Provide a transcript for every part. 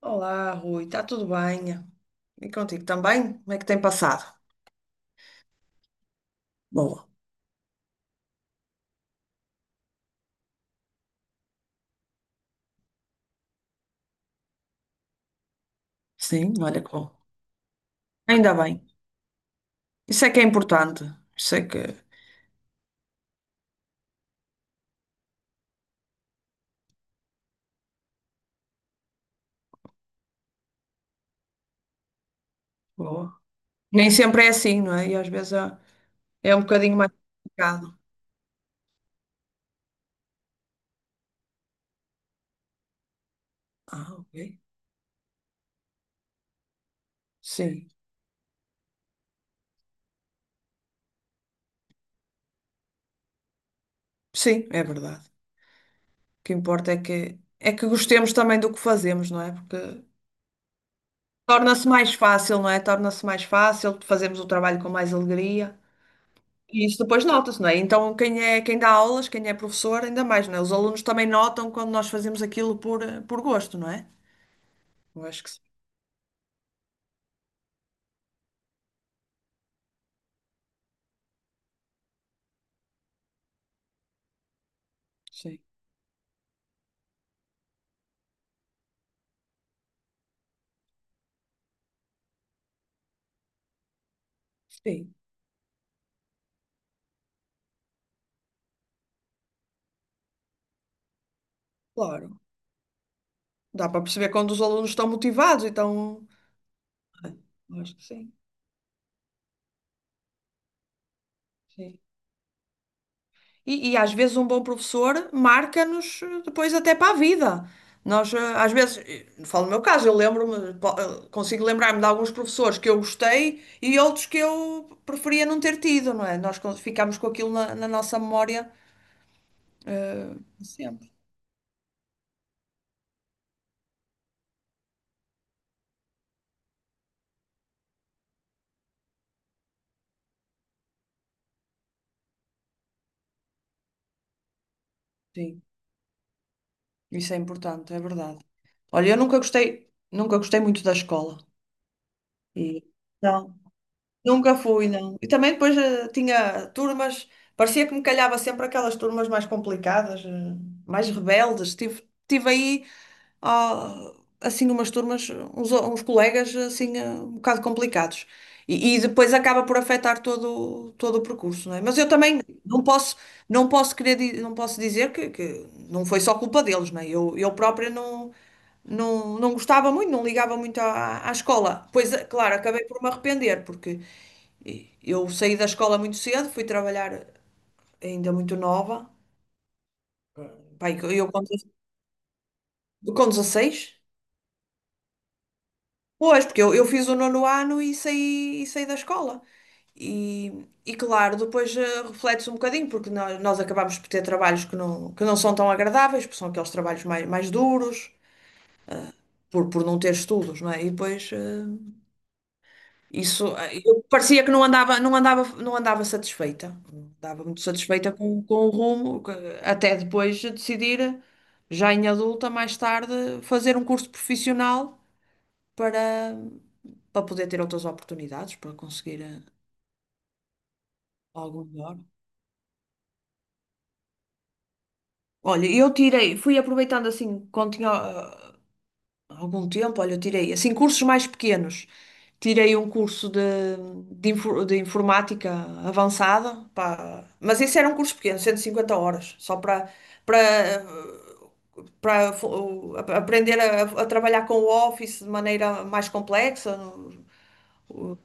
Olá, Rui, está tudo bem? E contigo também? Como é que tem passado? Boa. Sim, olha que bom. Ainda bem. Isso é que é importante. Isso é que. Boa. Nem sempre é assim, não é? E às vezes é, é um bocadinho mais complicado. Ah, ok. Sim. Sim, é verdade. O que importa é que gostemos também do que fazemos, não é? Porque torna-se mais fácil, não é? Torna-se mais fácil, fazemos o trabalho com mais alegria. E isso depois nota-se, não é? Então, quem é, quem dá aulas, quem é professor, ainda mais, não é? Os alunos também notam quando nós fazemos aquilo por, por gosto, não é? Eu acho que sim. Sim, Sim, claro. Dá para perceber quando os alunos estão motivados, então. Eu acho que sim. Sim. E às vezes um bom professor marca-nos depois até para a vida. Nós, às vezes, falo no meu caso, eu lembro-me, consigo lembrar-me de alguns professores que eu gostei e outros que eu preferia não ter tido, não é? Ficamos com aquilo na, na nossa memória, eh, sempre. Sim, isso é importante, é verdade. Olha, eu nunca gostei, nunca gostei muito da escola. E... não. Nunca fui, não. E também depois tinha turmas, parecia que me calhava sempre aquelas turmas mais complicadas, mais rebeldes. Tive, tive aí, ah, assim, umas turmas, uns, uns colegas, assim, um bocado complicados. E depois acaba por afetar todo, todo o percurso, não é? Mas eu também não posso, não posso querer, não posso dizer que não foi só culpa deles, não é? Eu própria não, não, não gostava muito, não ligava muito à, à escola. Pois, é, claro, acabei por me arrepender, porque eu saí da escola muito cedo, fui trabalhar ainda muito nova. Pai, com 16? Pois, porque eu fiz o nono ano e saí da escola. E, e claro, depois reflete-se um bocadinho, porque nós acabamos por ter trabalhos que não são tão agradáveis, porque são aqueles trabalhos mais, mais duros, por não ter estudos, não é? E depois. Isso, eu parecia que não andava, não andava, não andava satisfeita. Não andava muito satisfeita com o rumo, que- até depois de decidir, já em adulta, mais tarde, fazer um curso profissional para, para poder ter outras oportunidades, para conseguir algo melhor. Olha, eu tirei, fui aproveitando assim, quando tinha há algum tempo, olha, eu tirei assim cursos mais pequenos. Tirei um curso de, de informática avançada, pá, mas esse era um curso pequeno, 150 horas, só para para para aprender a trabalhar com o Office de maneira mais complexa. O-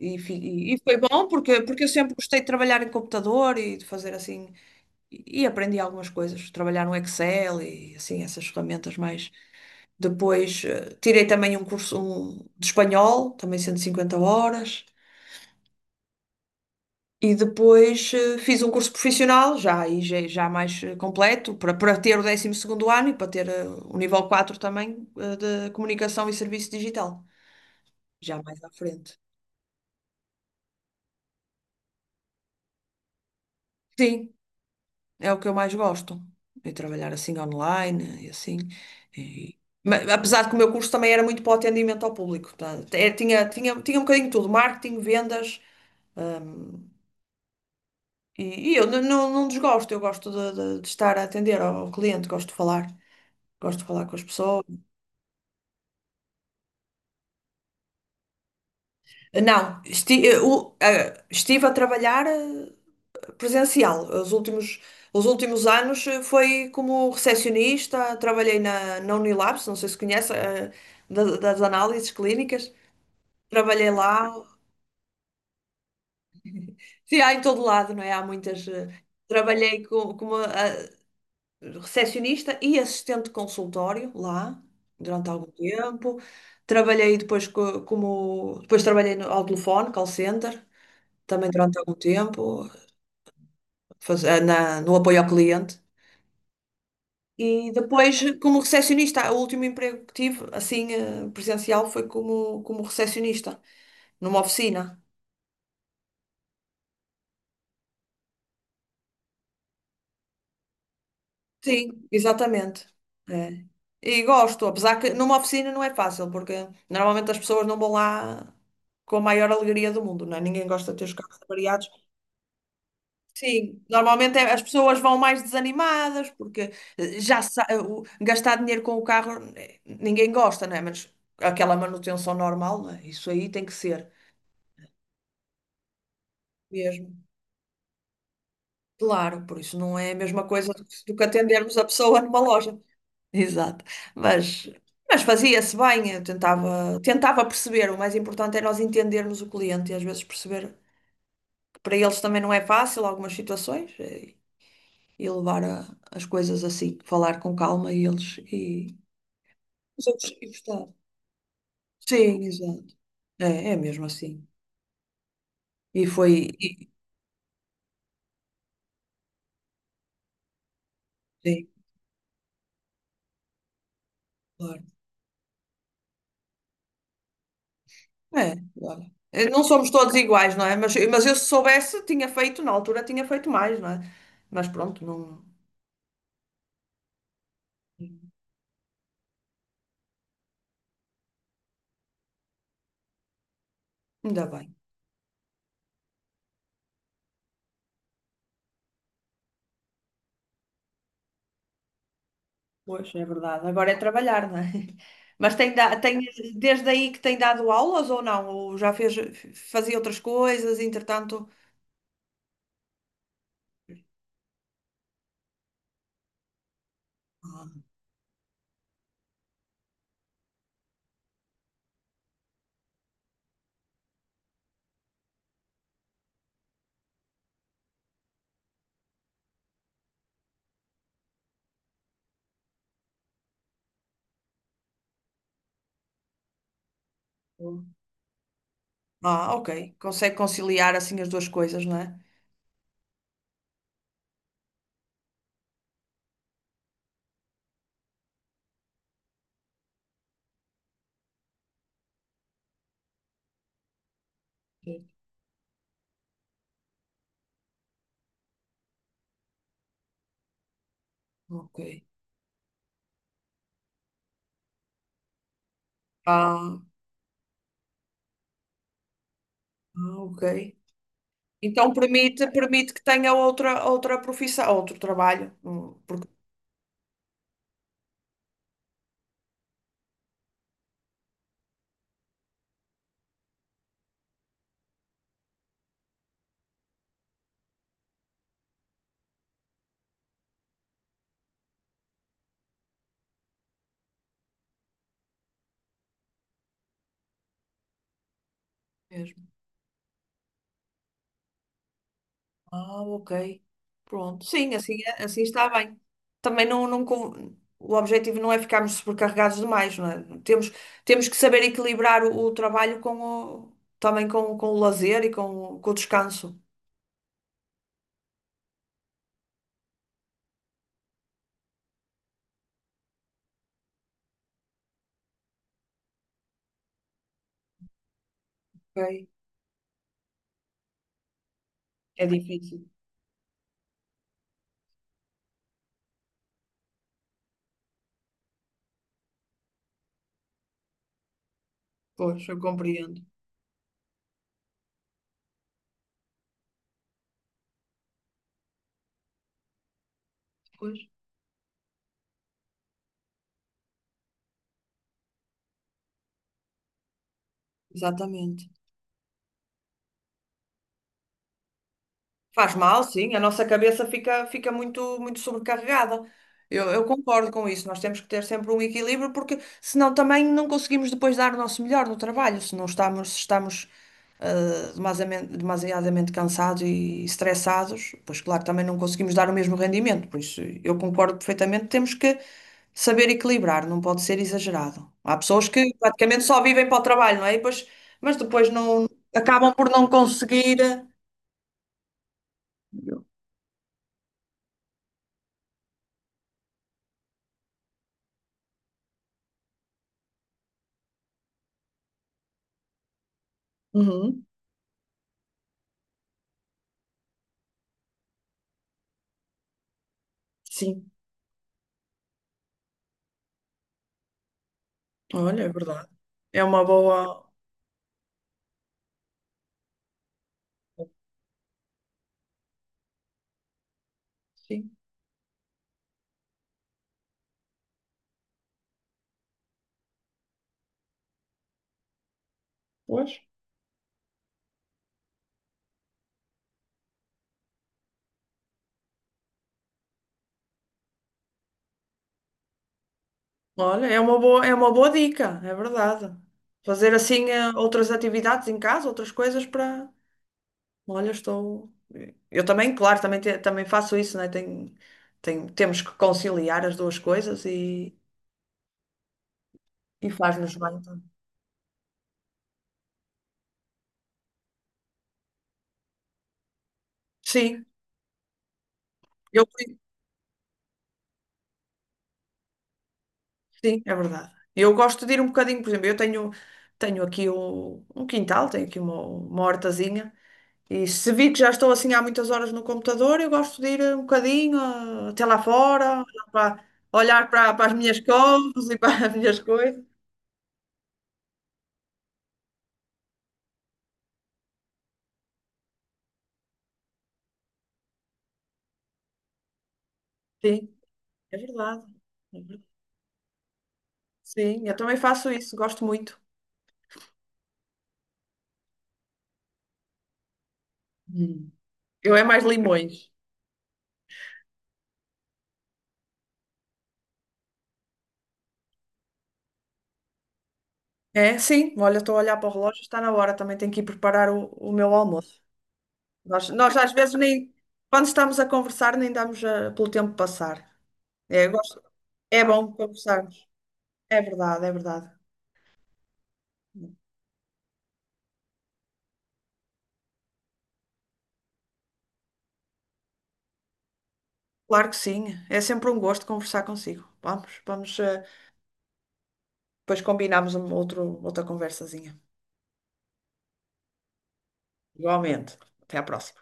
E, e foi bom porque, porque eu sempre gostei de trabalhar em computador e de fazer assim, e aprendi algumas coisas, trabalhar no Excel e assim, essas ferramentas mais. Depois tirei também um curso um, de espanhol, também 150 horas. E depois fiz um curso profissional, já, aí já, já mais completo, para, para ter o décimo segundo ano e para ter o nível 4 também de comunicação e serviço digital, já mais à frente. Sim, é o que eu mais gosto, é trabalhar assim online e assim. E- mas, apesar de que o meu curso também era muito para o atendimento ao público, tá? É, tinha, tinha, tinha um bocadinho de tudo, marketing, vendas, hum, E, e eu não, não desgosto, eu gosto de, de estar a atender ao ao cliente, gosto de falar com as pessoas. Ah, não, estive a trabalhar presencial. Os últimos anos foi como recepcionista, trabalhei na, na Unilabs, não sei se conhece, das análises clínicas. Trabalhei lá, sim, há em todo lado, não é? Há muitas. Trabalhei com uma, recepcionista e assistente de consultório lá durante algum tempo. Trabalhei depois como depois trabalhei no, ao telefone, call center, também durante algum tempo, na, no apoio ao cliente. E depois, como recepcionista, o último emprego que tive, assim, presencial, foi como, como recepcionista, numa oficina. Sim, exatamente. É. E gosto, apesar que numa oficina não é fácil, porque normalmente as pessoas não vão lá com a maior alegria do mundo, não é? Ninguém gosta de ter os carros avariados. Sim, normalmente as pessoas vão mais desanimadas, porque eh, já sa- eh, o- gastar dinheiro com o carro ninguém gosta, não é? Mas aquela manutenção normal, não é? Isso aí tem que ser mesmo. Claro, por isso não é a mesma coisa do que atendermos a pessoa numa loja. Exato. Mas, mas fazia-se bem, eu tentava, tentava perceber. O mais importante é nós entendermos o cliente e às vezes perceber que para eles também não é fácil algumas situações e levar as coisas assim, falar com calma e eles e os outros e gostar. Sim, exato. É, é mesmo assim. E foi. E, sim, claro. É, claro. Não somos todos iguais, não é? Mas eu se soubesse, tinha feito, na altura tinha feito mais, não é? Mas pronto, não, ainda bem. Pois, é verdade. Agora é trabalhar, não é? Mas tem, tem desde aí que tem dado aulas ou não? Ou já fez, fazia outras coisas, entretanto. Ah, boa. Ah, ok. Consegue conciliar assim as duas coisas, não é? Sim. Ok. Ah, ah, ok. Então permite, permite que tenha outra, outra profissão, outro trabalho. Porque... Ah, ok. Pronto. Sim, assim, assim está bem. Também não, não, o objetivo não é ficarmos sobrecarregados demais, não é? Temos, temos que saber equilibrar o trabalho com o, também com o lazer e com, com o descanso. Ok. É difícil. Pois, eu compreendo. Pois, exatamente. Faz mal, sim, a nossa cabeça fica, fica muito, muito sobrecarregada. Eu concordo com isso, nós temos que ter sempre um equilíbrio, porque senão também não conseguimos depois dar o nosso melhor no trabalho, se não estamos, se estamos demasiadamente, demasiadamente cansados e estressados, pois claro, também não conseguimos dar o mesmo rendimento, por isso eu concordo perfeitamente, temos que saber equilibrar, não pode ser exagerado. Há pessoas que praticamente só vivem para o trabalho, não é? E depois, mas depois não acabam por não conseguir. Uhum. Sim, olha, é verdade. É uma boa. Sim, pois. Olha, é uma boa dica, é verdade. Fazer assim outras atividades em casa, outras coisas para. Olha, estou. Eu também, claro, também, também faço isso, né? Tem, tem, temos que conciliar as duas coisas e faz-nos bem. Sim, eu, sim, é verdade. Eu gosto de ir um bocadinho, por exemplo, eu tenho, tenho aqui o, um quintal, tenho aqui uma hortazinha. E se vi que já estou assim há muitas horas no computador, eu gosto de ir um bocadinho até lá fora, olhar para, olhar para, para as minhas coisas e para as minhas coisas. Sim, é verdade. É verdade. Sim, eu também faço isso, gosto muito. Hum. Eu é mais limões. É, sim, olha, estou a olhar para o relógio, está na hora, também tenho que ir preparar o meu almoço. Nós às vezes nem, quando estamos a conversar, nem damos pelo tempo passar. É, é bom conversarmos. É verdade, é verdade. Claro que sim. É sempre um gosto conversar consigo. Vamos, vamos, depois combinamos um outro, outra conversazinha. Igualmente. Até à próxima.